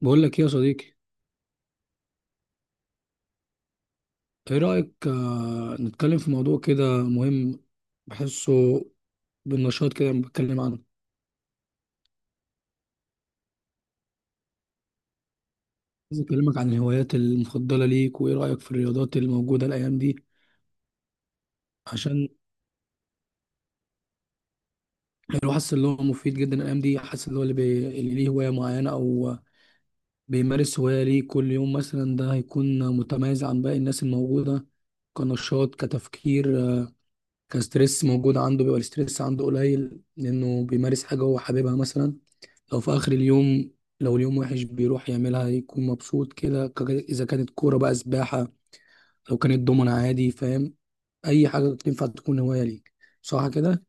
بقول لك ايه يا صديقي؟ ايه رأيك، نتكلم في موضوع كده مهم؟ بحسه بالنشاط كده لما بتكلم عنه. عايز اكلمك عن الهوايات المفضلة ليك، وايه رأيك في الرياضات الموجودة الايام دي؟ عشان الواحد حاسس ان هو مفيد جدا الايام دي، حاسس ان هو اللي ليه هواية معينة او بيمارس هواية ليه كل يوم مثلا، ده هيكون متميز عن باقي الناس الموجودة. كنشاط، كتفكير، كستريس موجود عنده، بيبقى الاستريس عنده قليل لانه بيمارس حاجة هو حاببها مثلا. لو في اخر اليوم، لو اليوم وحش بيروح يعملها يكون مبسوط كده. اذا كانت كوره، بقى سباحه، لو كانت دومنا، عادي، فاهم؟ اي حاجه تنفع تكون هوايه ليك، صح كده؟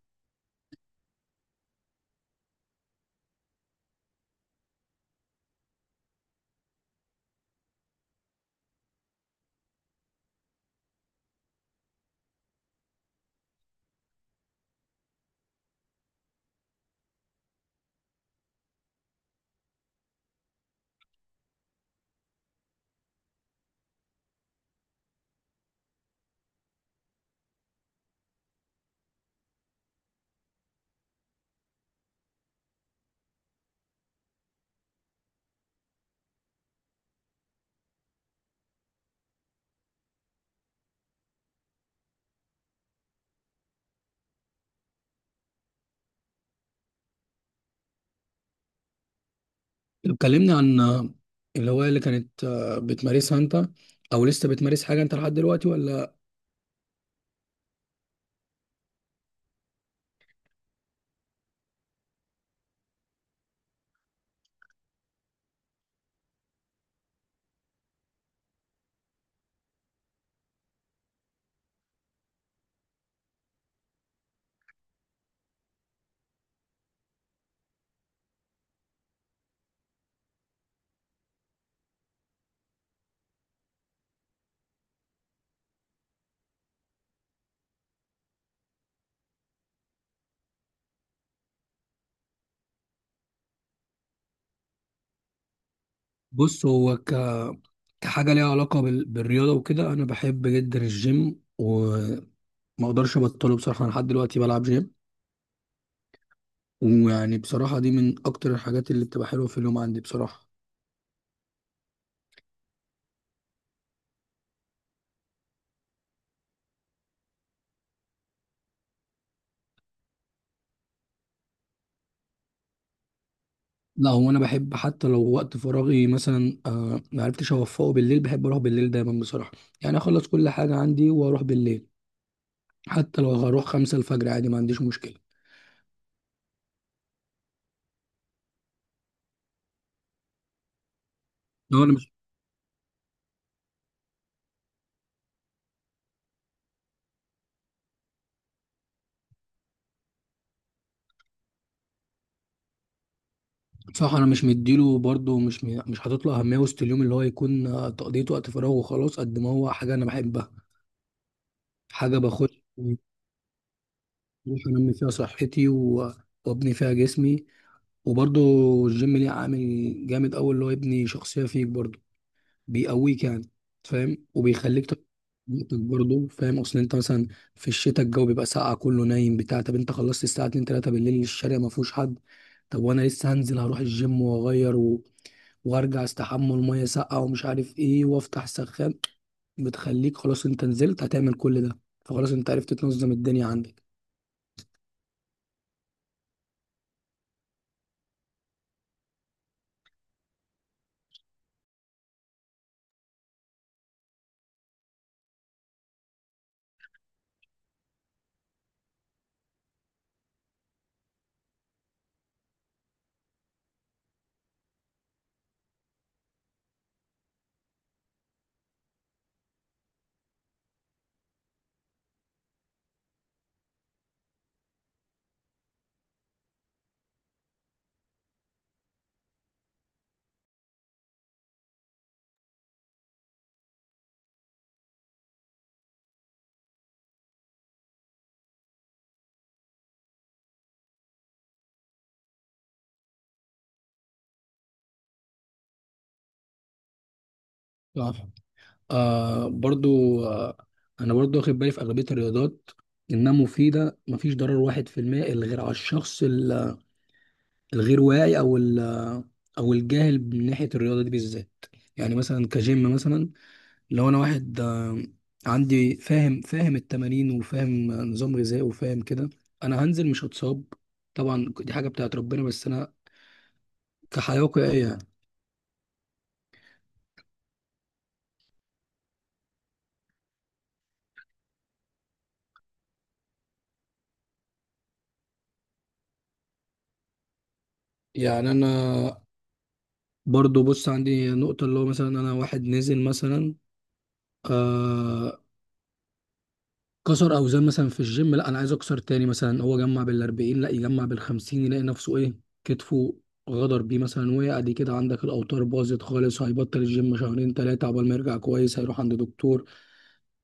لو اتكلمنا عن الهوايه اللي كانت بتمارسها انت، او لسه بتمارس حاجه انت لحد دلوقتي ولا؟ بص، هو كحاجه ليها علاقه بالرياضه وكده، انا بحب جدا الجيم وما اقدرش ابطله بصراحه. انا لحد دلوقتي بلعب جيم، ويعني بصراحه دي من اكتر الحاجات اللي بتبقى حلوه في اليوم عندي بصراحه. لا، هو انا بحب حتى لو وقت فراغي، مثلا ما عرفتش اوفقه بالليل، بحب اروح بالليل دايما بصراحه. يعني اخلص كل حاجه عندي واروح بالليل، حتى لو هروح 5 الفجر عادي، ما عنديش مشكله. لو انا مش... بصراحه انا مش مديله برضه مش حاطط له اهميه وسط اليوم، اللي هو يكون تقضيه وقت فراغ وخلاص. قد ما هو حاجه انا بحبها، حاجه باخد، بروح انمي فيها صحتي وابني فيها جسمي. وبرضه الجيم ليه عامل جامد قوي، اللي هو يبني شخصيه فيك برضه، بيقويك يعني، فاهم، نقطة برضه فاهم. اصل انت مثلا في الشتاء الجو بيبقى ساقع، كله نايم بتاع. طب انت خلصت الساعه 2 3 بالليل، الشارع ما فيهوش حد، طب وانا لسه هنزل، هروح الجيم واغير وارجع استحمى، الميه ساقعه ومش عارف ايه، وافتح سخان. بتخليك خلاص انت نزلت هتعمل كل ده، فخلاص انت عرفت تنظم الدنيا عندك. صح. آه برضو آه. انا برضو واخد بالي في اغلبيه الرياضات انها مفيده، مفيش ضرر 1% إلا غير على الشخص الغير واعي او الجاهل من ناحيه الرياضه دي بالذات. يعني مثلا كجيم مثلا، لو انا واحد عندي، فاهم التمارين وفاهم نظام غذائي وفاهم كده، انا هنزل مش هتصاب. طبعا دي حاجه بتاعت ربنا، بس انا كحياه واقعيه يعني. يعني انا برضو، بص عندي نقطه، اللي هو مثلا انا واحد نزل مثلا آه، كسر اوزان مثلا في الجيم، لا انا عايز اكسر تاني مثلا، هو جمع بال40 لا يجمع بال50، يلاقي نفسه ايه، كتفه غدر بيه مثلا وقع، دي كده عندك الاوتار باظت خالص، هيبطل الجيم شهرين 3 عقبال ما يرجع كويس، هيروح عند دكتور،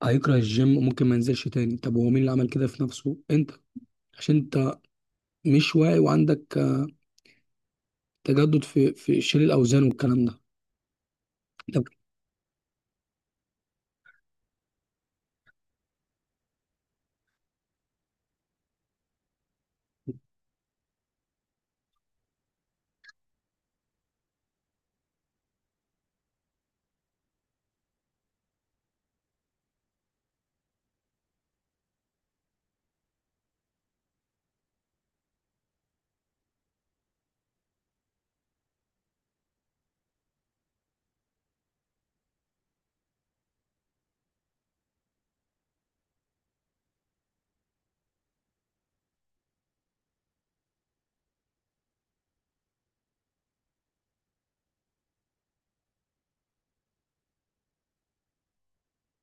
هيكره الجيم، ممكن ما ينزلش تاني. طب هو مين اللي عمل كده في نفسه؟ انت، عشان انت مش واعي، وعندك تجدد في شيل الاوزان والكلام ده. طب،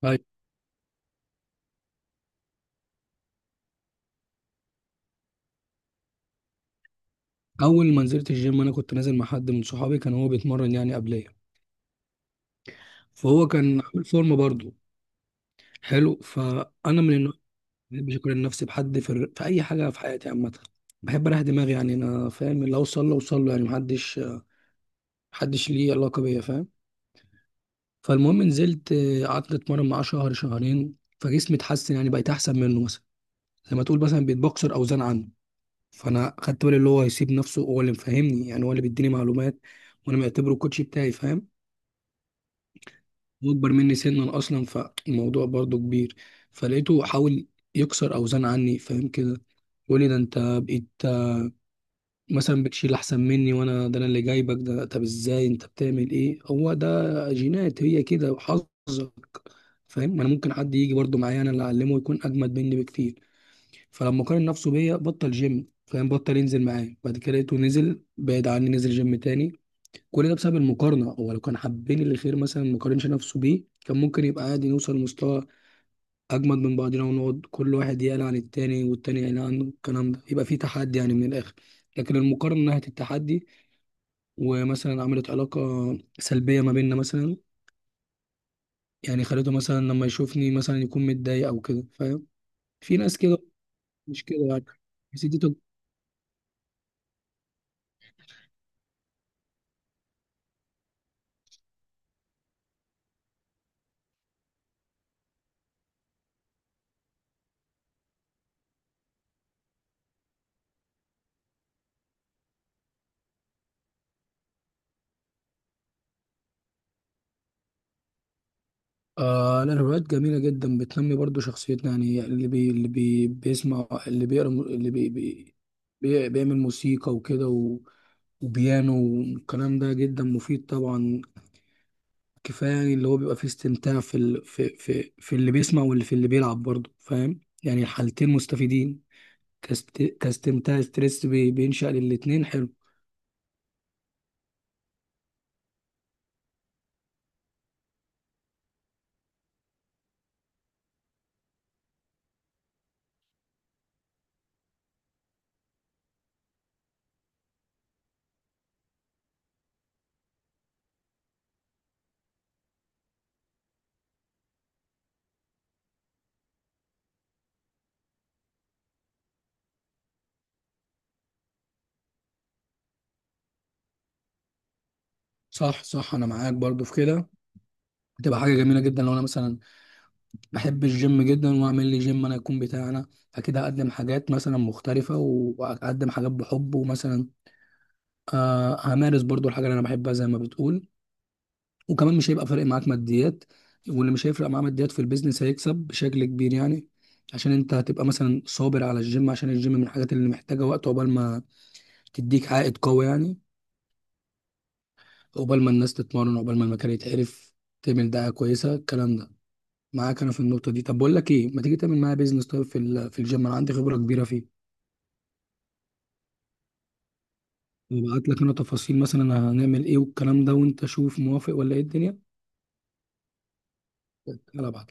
طيب، اول ما نزلت الجيم انا كنت نازل مع حد من صحابي، كان هو بيتمرن يعني قبليه، فهو كان عامل فورمه برضه حلو. فانا من النوع ما بحبش اقارن نفسي بحد في اي حاجه في حياتي عامه، بحب اريح دماغي، يعني انا فاهم اللي اوصل له اوصل له، يعني محدش ليه علاقه بيا فاهم. فالمهم نزلت، قعدت اتمرن معاه شهر شهرين، فجسمي اتحسن يعني، بقيت احسن منه مثلا، زي ما تقول مثلا بقيت بكسر اوزان عنه. فانا خدت بالي اللي هو يسيب نفسه، هو اللي مفهمني يعني، هو اللي بيديني معلومات، وانا معتبره الكوتش بتاعي فاهم. هو اكبر مني سنا اصلا، فالموضوع برضه كبير. فلقيته حاول يكسر اوزان عني فاهم كده، تقولي ده انت بقيت مثلا بتشيل احسن مني، وانا ده انا اللي جايبك. ده طب ازاي انت بتعمل ايه هو ده؟ جينات هي كده وحظك فاهم. ما انا ممكن حد يجي برضو معايا انا اللي اعلمه يكون اجمد مني بكتير. فلما قارن نفسه بيا بطل جيم فاهم، بطل ينزل معايا بعد كده، لقيته نزل بعيد عني، نزل جيم تاني. كل ده بسبب المقارنه. هو لو كان حابين الخير مثلا ما قارنش نفسه بيه، كان ممكن يبقى عادي، نوصل لمستوى اجمد من بعضنا، ونقعد كل واحد يقلق عن التاني والتاني يقلق عنه، الكلام ده يبقى في تحدي يعني من الاخر. لكن المقارنه من ناحيه التحدي، ومثلا عملت علاقه سلبيه ما بيننا مثلا، يعني خليته مثلا لما يشوفني مثلا يكون متضايق او كده فاهم. في ناس كده، مش كده يعني. بس دي تج- آه لا، الروايات جميله جدا، بتنمي برضو شخصيتنا يعني. اللي بيسمع، اللي بيقرا، اللي بيعمل موسيقى وكده وبيانو، والكلام ده جدا مفيد طبعا. كفايه يعني اللي هو بيبقى فيه استمتاع في اللي بيسمع واللي في اللي بيلعب برضه، فاهم يعني الحالتين مستفيدين. كاستمتاع، ستريس بينشأ للاتنين، حلو. صح صح، انا معاك برضه في كده. هتبقى حاجه جميله جدا لو انا مثلا بحب الجيم جدا واعمل لي جيم انا يكون بتاعنا، اكيد هقدم حاجات مثلا مختلفه وهقدم حاجات بحب، ومثلا آه همارس برضه الحاجه اللي انا بحبها زي ما بتقول. وكمان مش هيبقى فارق معاك ماديات، واللي مش هيفرق معاه ماديات في البيزنس هيكسب بشكل كبير يعني. عشان انت هتبقى مثلا صابر على الجيم، عشان الجيم من الحاجات اللي محتاجة وقت عقبال ما تديك عائد قوي يعني، عقبال ما الناس تتمرن، عقبال ما المكان يتعرف، تعمل دعاية كويسة، الكلام ده معاك انا في النقطة دي. طب بقول لك ايه، ما تيجي تعمل معايا بيزنس طيب في الجيم، انا عندي خبرة كبيرة فيه، وابعت لك انا تفاصيل مثلا هنعمل ايه والكلام ده، وانت شوف موافق ولا ايه الدنيا. يلا ابعت.